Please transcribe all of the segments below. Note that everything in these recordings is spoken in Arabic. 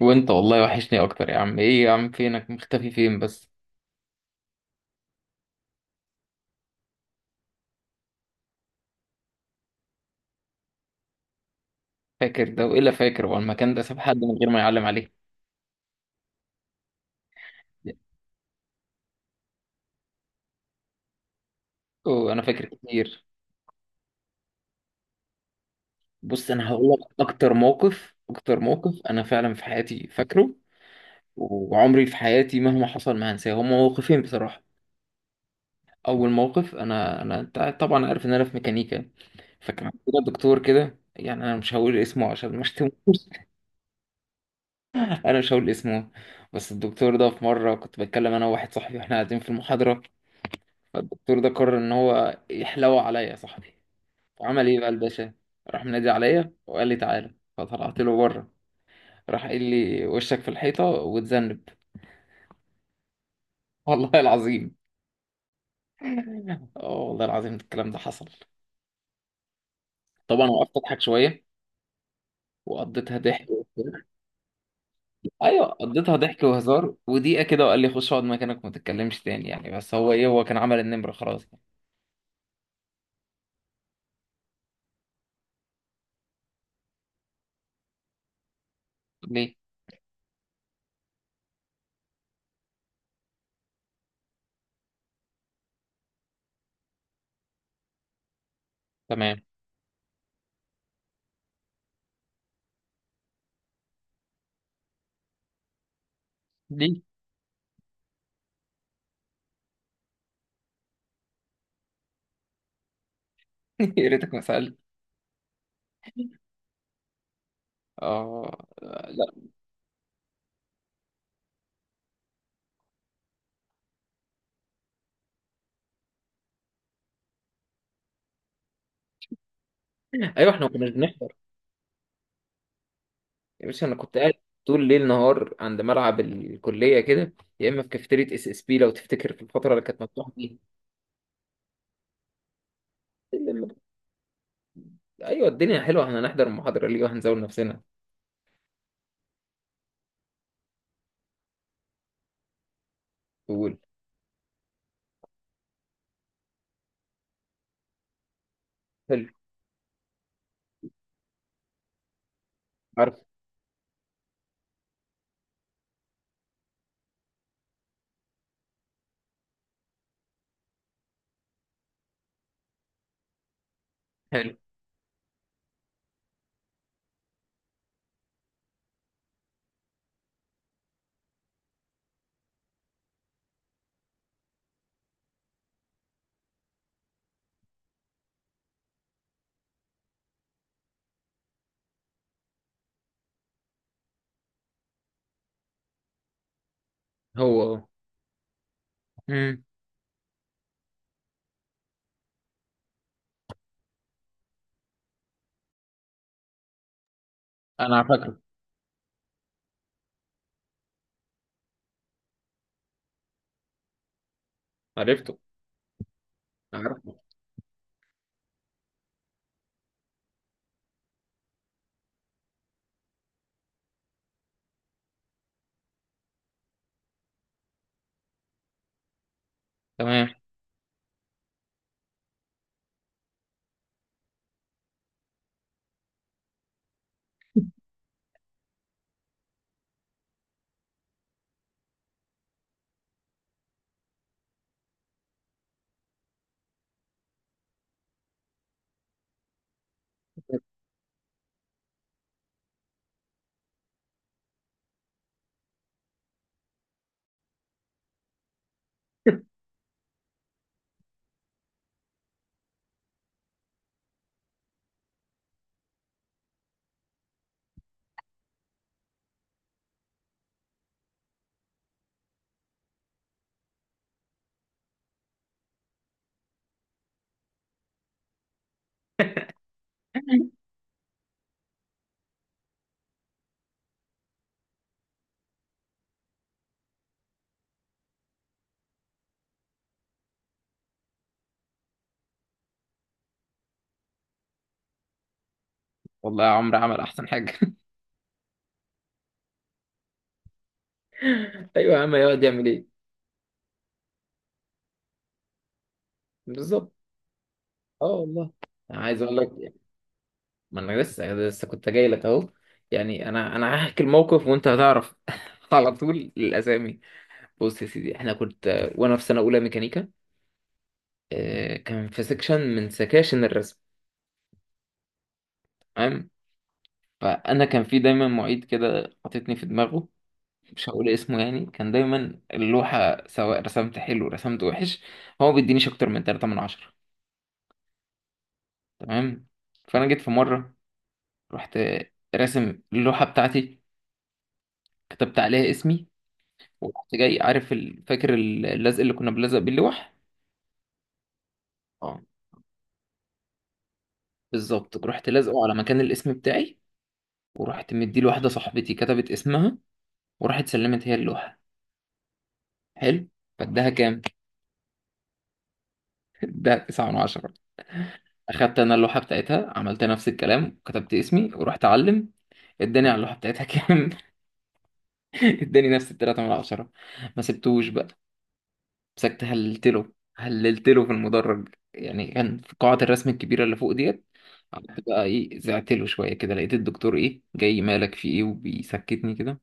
وانت والله وحشني اكتر يا عم، ايه يا عم، فينك مختفي فين بس؟ فاكر ده والا فاكر هو المكان ده ساب حد من غير ما يعلم عليه؟ اوه انا فاكر كتير. بص انا هقول لك. اكتر موقف انا فعلا في حياتي فاكره، وعمري في حياتي مهما حصل ما هنساه، هما موقفين بصراحة. اول موقف، انا انت طبعا عارف ان انا في ميكانيكا. فكان عندنا دكتور كده، يعني انا مش هقول اسمه عشان ما اشتموش. انا مش هقول اسمه. بس الدكتور ده في مرة كنت بتكلم انا وواحد صاحبي واحنا قاعدين في المحاضرة، فالدكتور ده قرر ان هو يحلو عليا يا صاحبي. وعمل ايه بقى الباشا؟ راح منادي عليا وقال لي تعالى، فطلعت له بره. راح قال لي وشك في الحيطه وتذنب. والله العظيم. اه والله العظيم الكلام ده حصل. طبعا وقفت اضحك شويه وقضيتها ضحك. ايوه قضيتها ضحك وهزار ودقيقه كده، وقال لي خش اقعد مكانك وما تتكلمش تاني، يعني بس هو ايه، هو كان عمل النمره خلاص يعني. ليه؟ تمام. ليه؟ يا ريتك ما سالت. اه لا. ايوه احنا ما كناش بنحضر. يا باشا انا كنت قاعد طول ليل نهار عند ملعب الكليه كده، يا اما في كافيتيريا اس اس بي لو تفتكر في الفتره اللي كانت مفتوحه فيها. لما- ايوه الدنيا حلوه، احنا هنحضر المحاضره ليه وهنزود نفسنا. تقول. حلو. عارف. حلو. هو هو. امم. انا فاكره. عرفته. عرفته. تمام. والله يا عمرو عمل احسن حاجه. ايوه يا عم يقعد يعمل ايه. بالظبط. اه والله. أنا عايز اقول لك، ما انا لسه كنت جاي لك اهو، يعني انا هحكي الموقف وانت هتعرف. على طول الاسامي. بص يا سيدي احنا كنت وانا في سنه اولى ميكانيكا. آه، كان في سكشن من سكاشن الرسم. تمام. فانا كان في دايما معيد كده حاططني في دماغه، مش هقول اسمه، يعني كان دايما اللوحه سواء رسمت حلو رسمت وحش هو بيدينيش اكتر من 3 من عشرة. تمام. فانا جيت في مره، رحت راسم اللوحه بتاعتي، كتبت عليها اسمي، ورحت جاي عارف فاكر اللزق اللي كنا بنلزق بيه اللوح. اه. بالظبط رحت لازقه على مكان الاسم بتاعي، ورحت مديه لواحده صاحبتي كتبت اسمها، وراحت سلمت هي اللوحه. حلو. فاداها كام؟ اداها 9 من 10. اخدت انا اللوحه بتاعتها، عملت نفس الكلام، كتبت اسمي ورحت اعلم. اداني على اللوحه بتاعتها كام؟ اداني نفس التلاتة من 10. ما سبتوش بقى. مسكت هللت له هللت له في المدرج، يعني كان في قاعة الرسم الكبيرة اللي فوق ديت. قعدت بقى ايه زعت له شوية كده، لقيت الدكتور ايه جاي، مالك في ايه، وبيسكتني كده.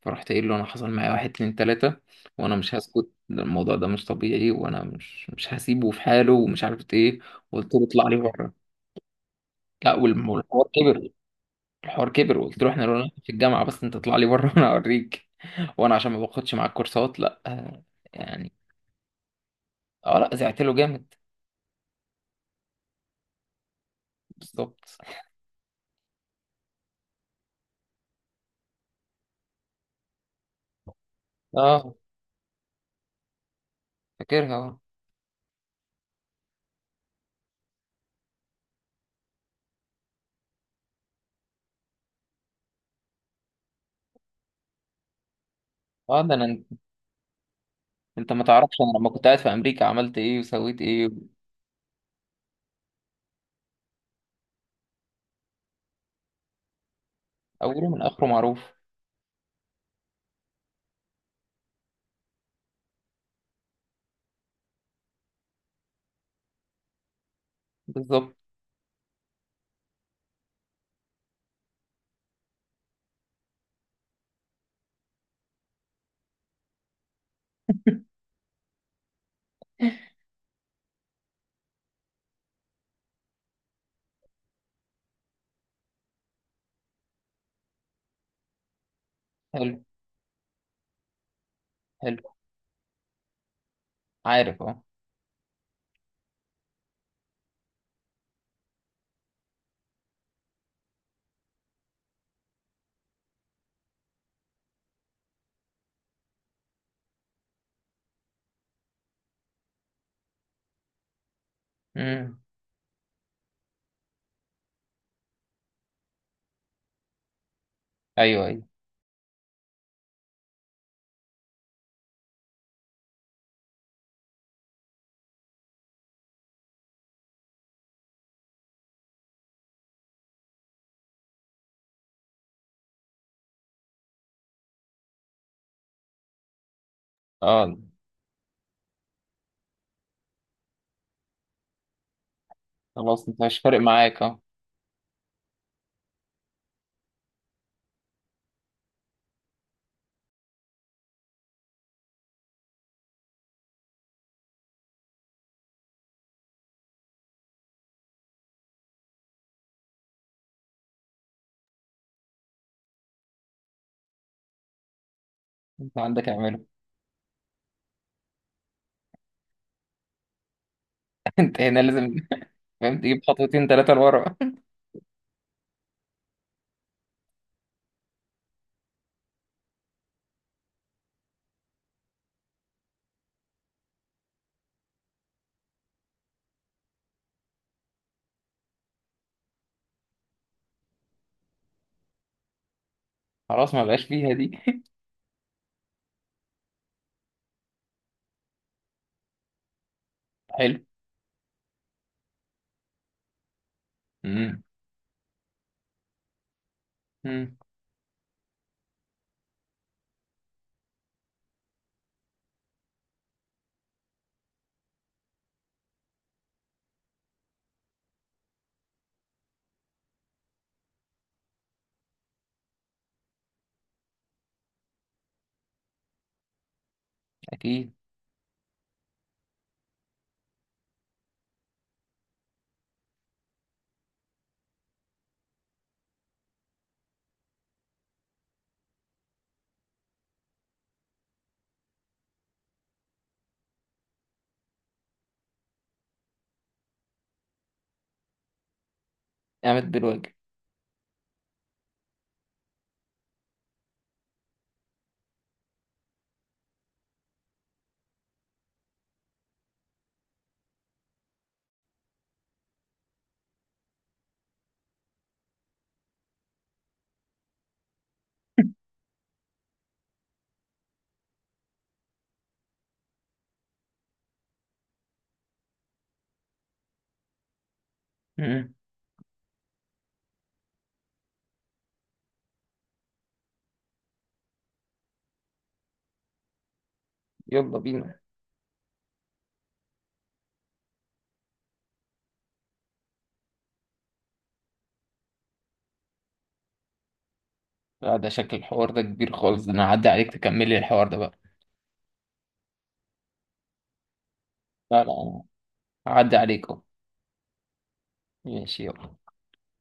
فرحت قايل له انا حصل معايا واحد اتنين تلاتة وانا مش هسكت، ده الموضوع ده مش طبيعي وانا مش هسيبه في حاله ومش عارف ايه. وقلت له اطلع لي بره. لا والحوار كبر. الحوار كبر وقلت له احنا لو في الجامعة بس انت اطلع لي بره، وانا اوريك، وانا عشان ما باخدش معاك كورسات، لا آه، يعني. اه لا زعت له جامد. بالظبط. اه فاكرها اه. اه ده انا. انت ما تعرفش انا لما كنت قاعد في امريكا عملت ايه وسويت ايه. اوله من اخره معروف. بالظبط. حلو. حلو. عارف. اه. امم. ايوه ايوه. اه خلاص انت مش فارق معاك اه. انت عندك اعمله. انت هنا لازم. فاهم تجيب خطوتين ثلاثه لورا. خلاص ما بقاش فيها دي. حلو. امم. امم. اكيد. قامت بالواجب. امم. يلا بينا. لا ده شكل الحوار ده كبير خالص، ده انا هعدي عليك تكملي الحوار ده بقى. لا لا أنا هعدي عليك اهو. ماشي يلا.